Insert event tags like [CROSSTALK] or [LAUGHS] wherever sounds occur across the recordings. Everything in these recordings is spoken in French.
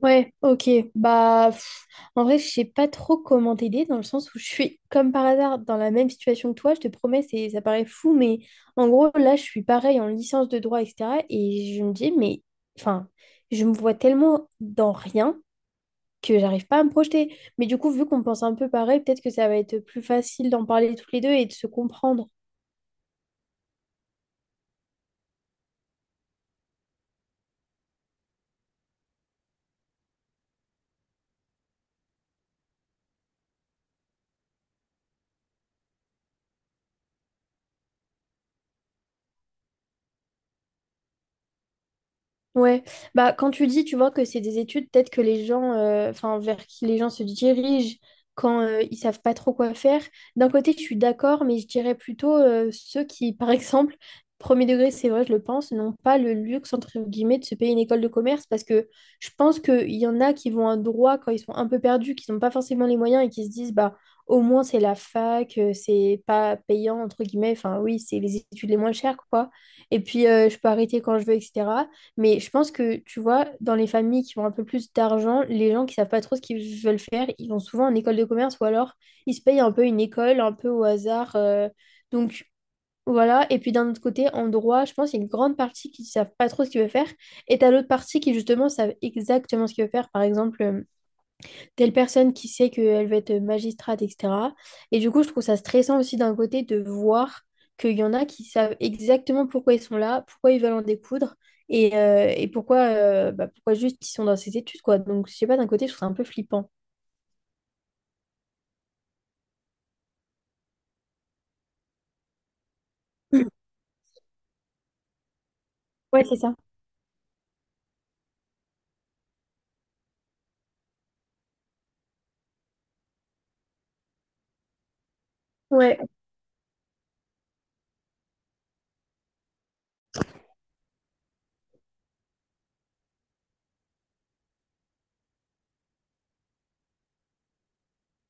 Ouais, ok. Bah, en vrai, je sais pas trop comment t'aider dans le sens où je suis comme par hasard dans la même situation que toi. Je te promets, ça paraît fou, mais en gros, là, je suis pareil en licence de droit, etc. Et je me dis, mais enfin, je me vois tellement dans rien que j'arrive pas à me projeter. Mais du coup, vu qu'on pense un peu pareil, peut-être que ça va être plus facile d'en parler tous les deux et de se comprendre. Ouais, bah quand tu dis, tu vois que c'est des études, peut-être que les gens, enfin vers qui les gens se dirigent quand ils savent pas trop quoi faire. D'un côté, je suis d'accord, mais je dirais plutôt ceux qui, [LAUGHS] par exemple, premier degré, c'est vrai, je le pense, n'ont pas le luxe entre guillemets de se payer une école de commerce parce que je pense qu'il y en a qui vont à droit quand ils sont un peu perdus, qui n'ont pas forcément les moyens et qui se disent bah au moins c'est la fac, c'est pas payant entre guillemets. Enfin oui, c'est les études les moins chères quoi. Et puis je peux arrêter quand je veux, etc. Mais je pense que, tu vois, dans les familles qui ont un peu plus d'argent, les gens qui savent pas trop ce qu'ils veulent faire, ils vont souvent en école de commerce ou alors ils se payent un peu une école, un peu au hasard. Donc voilà. Et puis d'un autre côté, en droit, je pense qu'il y a une grande partie qui savent pas trop ce qu'ils veulent faire. Et t'as l'autre partie qui, justement, savent exactement ce qu'ils veulent faire. Par exemple, telle personne qui sait qu'elle va être magistrate, etc. Et du coup, je trouve ça stressant aussi d'un côté de voir qu'il y en a qui savent exactement pourquoi ils sont là, pourquoi ils veulent en découdre et pourquoi juste ils sont dans ces études, quoi. Donc, je sais pas, d'un côté, je trouve ça un peu flippant. Ouais, c'est ça. Ouais.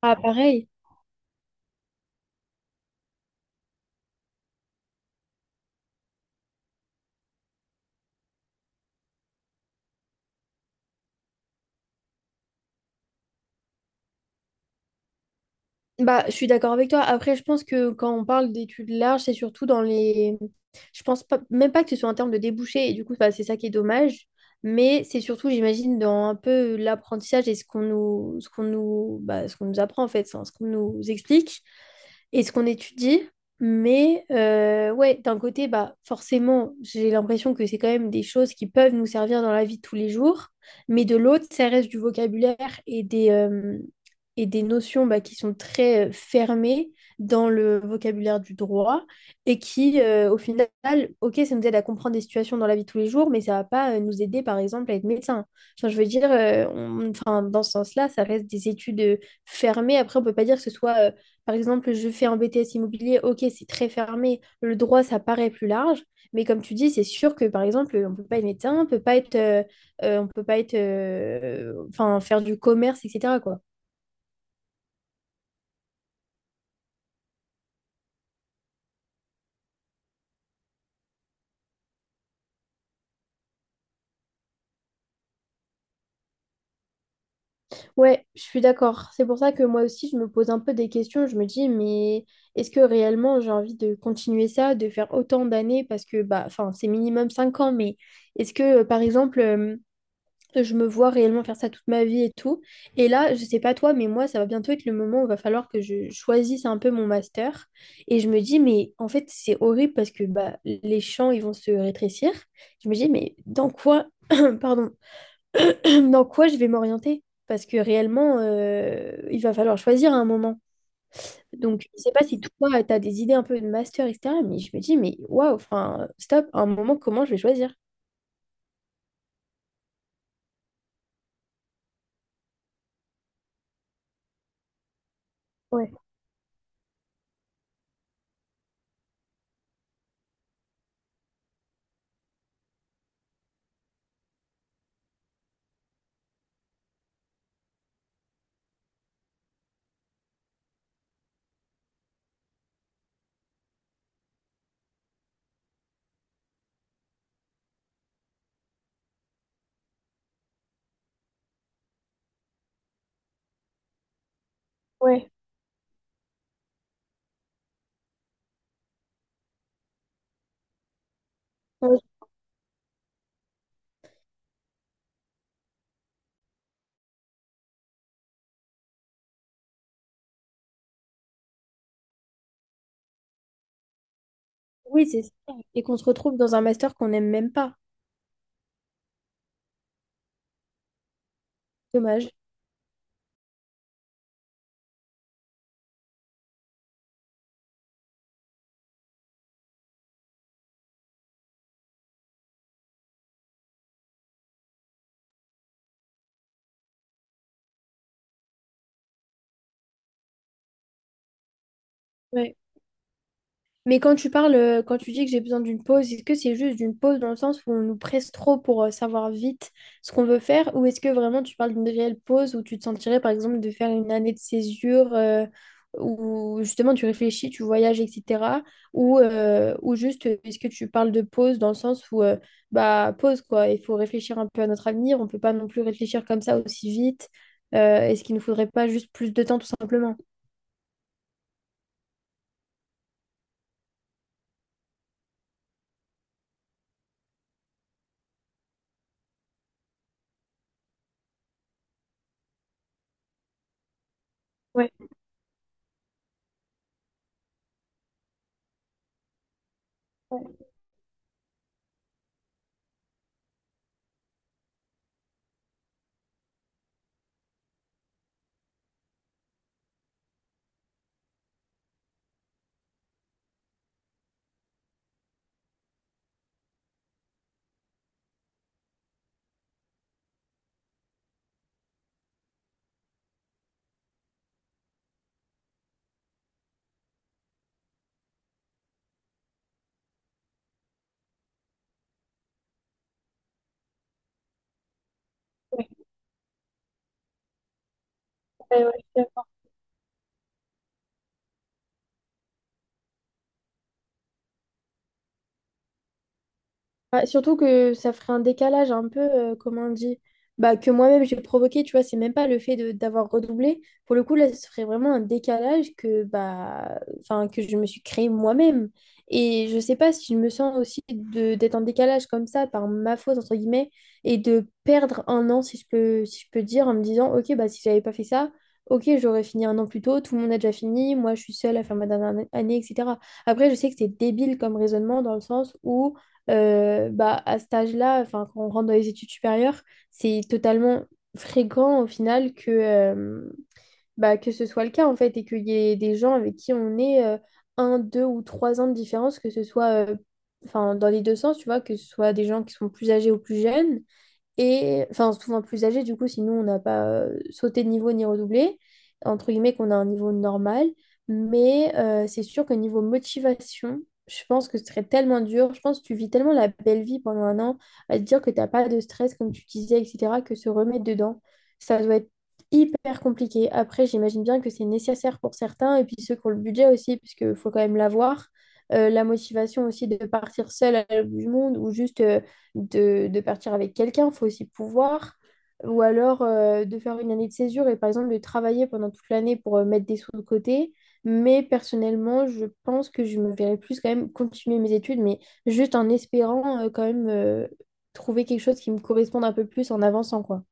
Ah, pareil. Bah, je suis d'accord avec toi. Après, je pense que quand on parle d'études larges, c'est surtout dans les… Je pense pas, même pas que ce soit en termes de débouchés et du coup, bah, c'est ça qui est dommage. Mais c'est surtout, j'imagine, dans un peu l'apprentissage et ce qu'on nous, bah, ce qu'on nous apprend, en fait, enfin, ce qu'on nous explique et ce qu'on étudie. Mais ouais, d'un côté, bah, forcément, j'ai l'impression que c'est quand même des choses qui peuvent nous servir dans la vie de tous les jours. Mais de l'autre, ça reste du vocabulaire et des notions bah, qui sont très fermées dans le vocabulaire du droit et qui, au final, ok, ça nous aide à comprendre des situations dans la vie de tous les jours, mais ça va pas nous aider, par exemple, à être médecin. Enfin, je veux dire, enfin, dans ce sens-là, ça reste des études fermées. Après, on peut pas dire que ce soit par exemple, je fais un BTS immobilier, ok, c'est très fermé, le droit, ça paraît plus large, mais comme tu dis, c'est sûr que, par exemple, on ne peut pas être médecin, on peut pas être, enfin, faire du commerce, etc., quoi. Ouais, je suis d'accord. C'est pour ça que moi aussi, je me pose un peu des questions, je me dis, mais est-ce que réellement j'ai envie de continuer ça, de faire autant d'années, parce que, bah, enfin, c'est minimum 5 ans, mais est-ce que, par exemple je me vois réellement faire ça toute ma vie et tout. Et là, je sais pas toi, mais moi, ça va bientôt être le moment où il va falloir que je choisisse un peu mon master. Et je me dis, mais en fait, c'est horrible parce que bah, les champs, ils vont se rétrécir. Je me dis, mais dans quoi, [CLEARS THROAT] [COUGHS] pardon, [COUGHS] dans quoi je vais m'orienter? Parce que réellement, il va falloir choisir à un moment. Donc, je sais pas si toi, tu as des idées un peu de master, etc. Mais je me dis, mais waouh, enfin, stop, à un moment, comment je vais choisir? Ouais, ouais. Oui, c'est ça. Et qu'on se retrouve dans un master qu'on n'aime même pas. Dommage. Ouais. Mais quand tu dis que j'ai besoin d'une pause, est-ce que c'est juste d'une pause dans le sens où on nous presse trop pour savoir vite ce qu'on veut faire, ou est-ce que vraiment tu parles d'une réelle pause où tu te sentirais par exemple de faire une année de césure où justement tu réfléchis, tu voyages, etc. Ou juste est-ce que tu parles de pause dans le sens où bah pause quoi, il faut réfléchir un peu à notre avenir, on peut pas non plus réfléchir comme ça aussi vite. Est-ce qu'il ne faudrait pas juste plus de temps tout simplement? Ouais, ouais, ouais, ouais, ouais. Ouais, surtout que ça ferait un décalage un peu, comment on dit, bah, que moi-même j'ai provoqué, tu vois, c'est même pas le fait de d'avoir redoublé. Pour le coup, là, ce serait vraiment un décalage que, bah, enfin, que je me suis créé moi-même. Et je sais pas si je me sens aussi de d'être en décalage comme ça, par ma faute, entre guillemets, et de perdre 1 an, si je peux dire, en me disant, ok, bah, si j'avais pas fait ça, ok, j'aurais fini 1 an plus tôt, tout le monde a déjà fini, moi, je suis seule à faire ma dernière année, etc. Après, je sais que c'est débile comme raisonnement dans le sens où bah, à cet âge-là, enfin, quand on rentre dans les études supérieures, c'est totalement fréquent au final que ce soit le cas en fait et qu'il y ait des gens avec qui on est 1, 2 ou 3 ans de différence, que ce soit enfin, dans les deux sens, tu vois, que ce soit des gens qui sont plus âgés ou plus jeunes et enfin souvent plus âgés du coup sinon on n'a pas sauté de niveau ni redoublé entre guillemets qu'on a un niveau normal. Mais c'est sûr que, niveau motivation, je pense que ce serait tellement dur. Je pense que tu vis tellement la belle vie pendant 1 an à te dire que t'as pas de stress, comme tu disais, etc., que se remettre dedans, ça doit être super compliqué. Après, j'imagine bien que c'est nécessaire pour certains et puis ceux qui ont le budget aussi, puisqu'il faut quand même l'avoir. La motivation aussi de partir seul à l'autre bout du monde ou juste de partir avec quelqu'un, il faut aussi pouvoir. Ou alors de faire une année de césure et par exemple de travailler pendant toute l'année pour mettre des sous de côté. Mais personnellement, je pense que je me verrais plus quand même continuer mes études, mais juste en espérant quand même trouver quelque chose qui me corresponde un peu plus en avançant, quoi.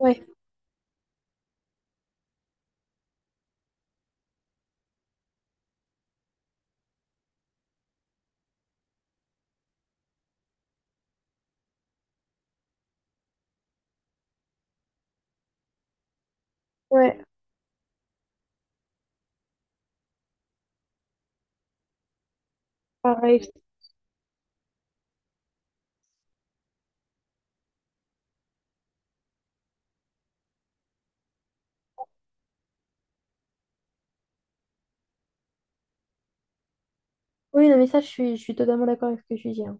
Ouais, ouais, pareil. Oui, non, mais ça, je suis totalement d'accord avec ce que tu dis, hein.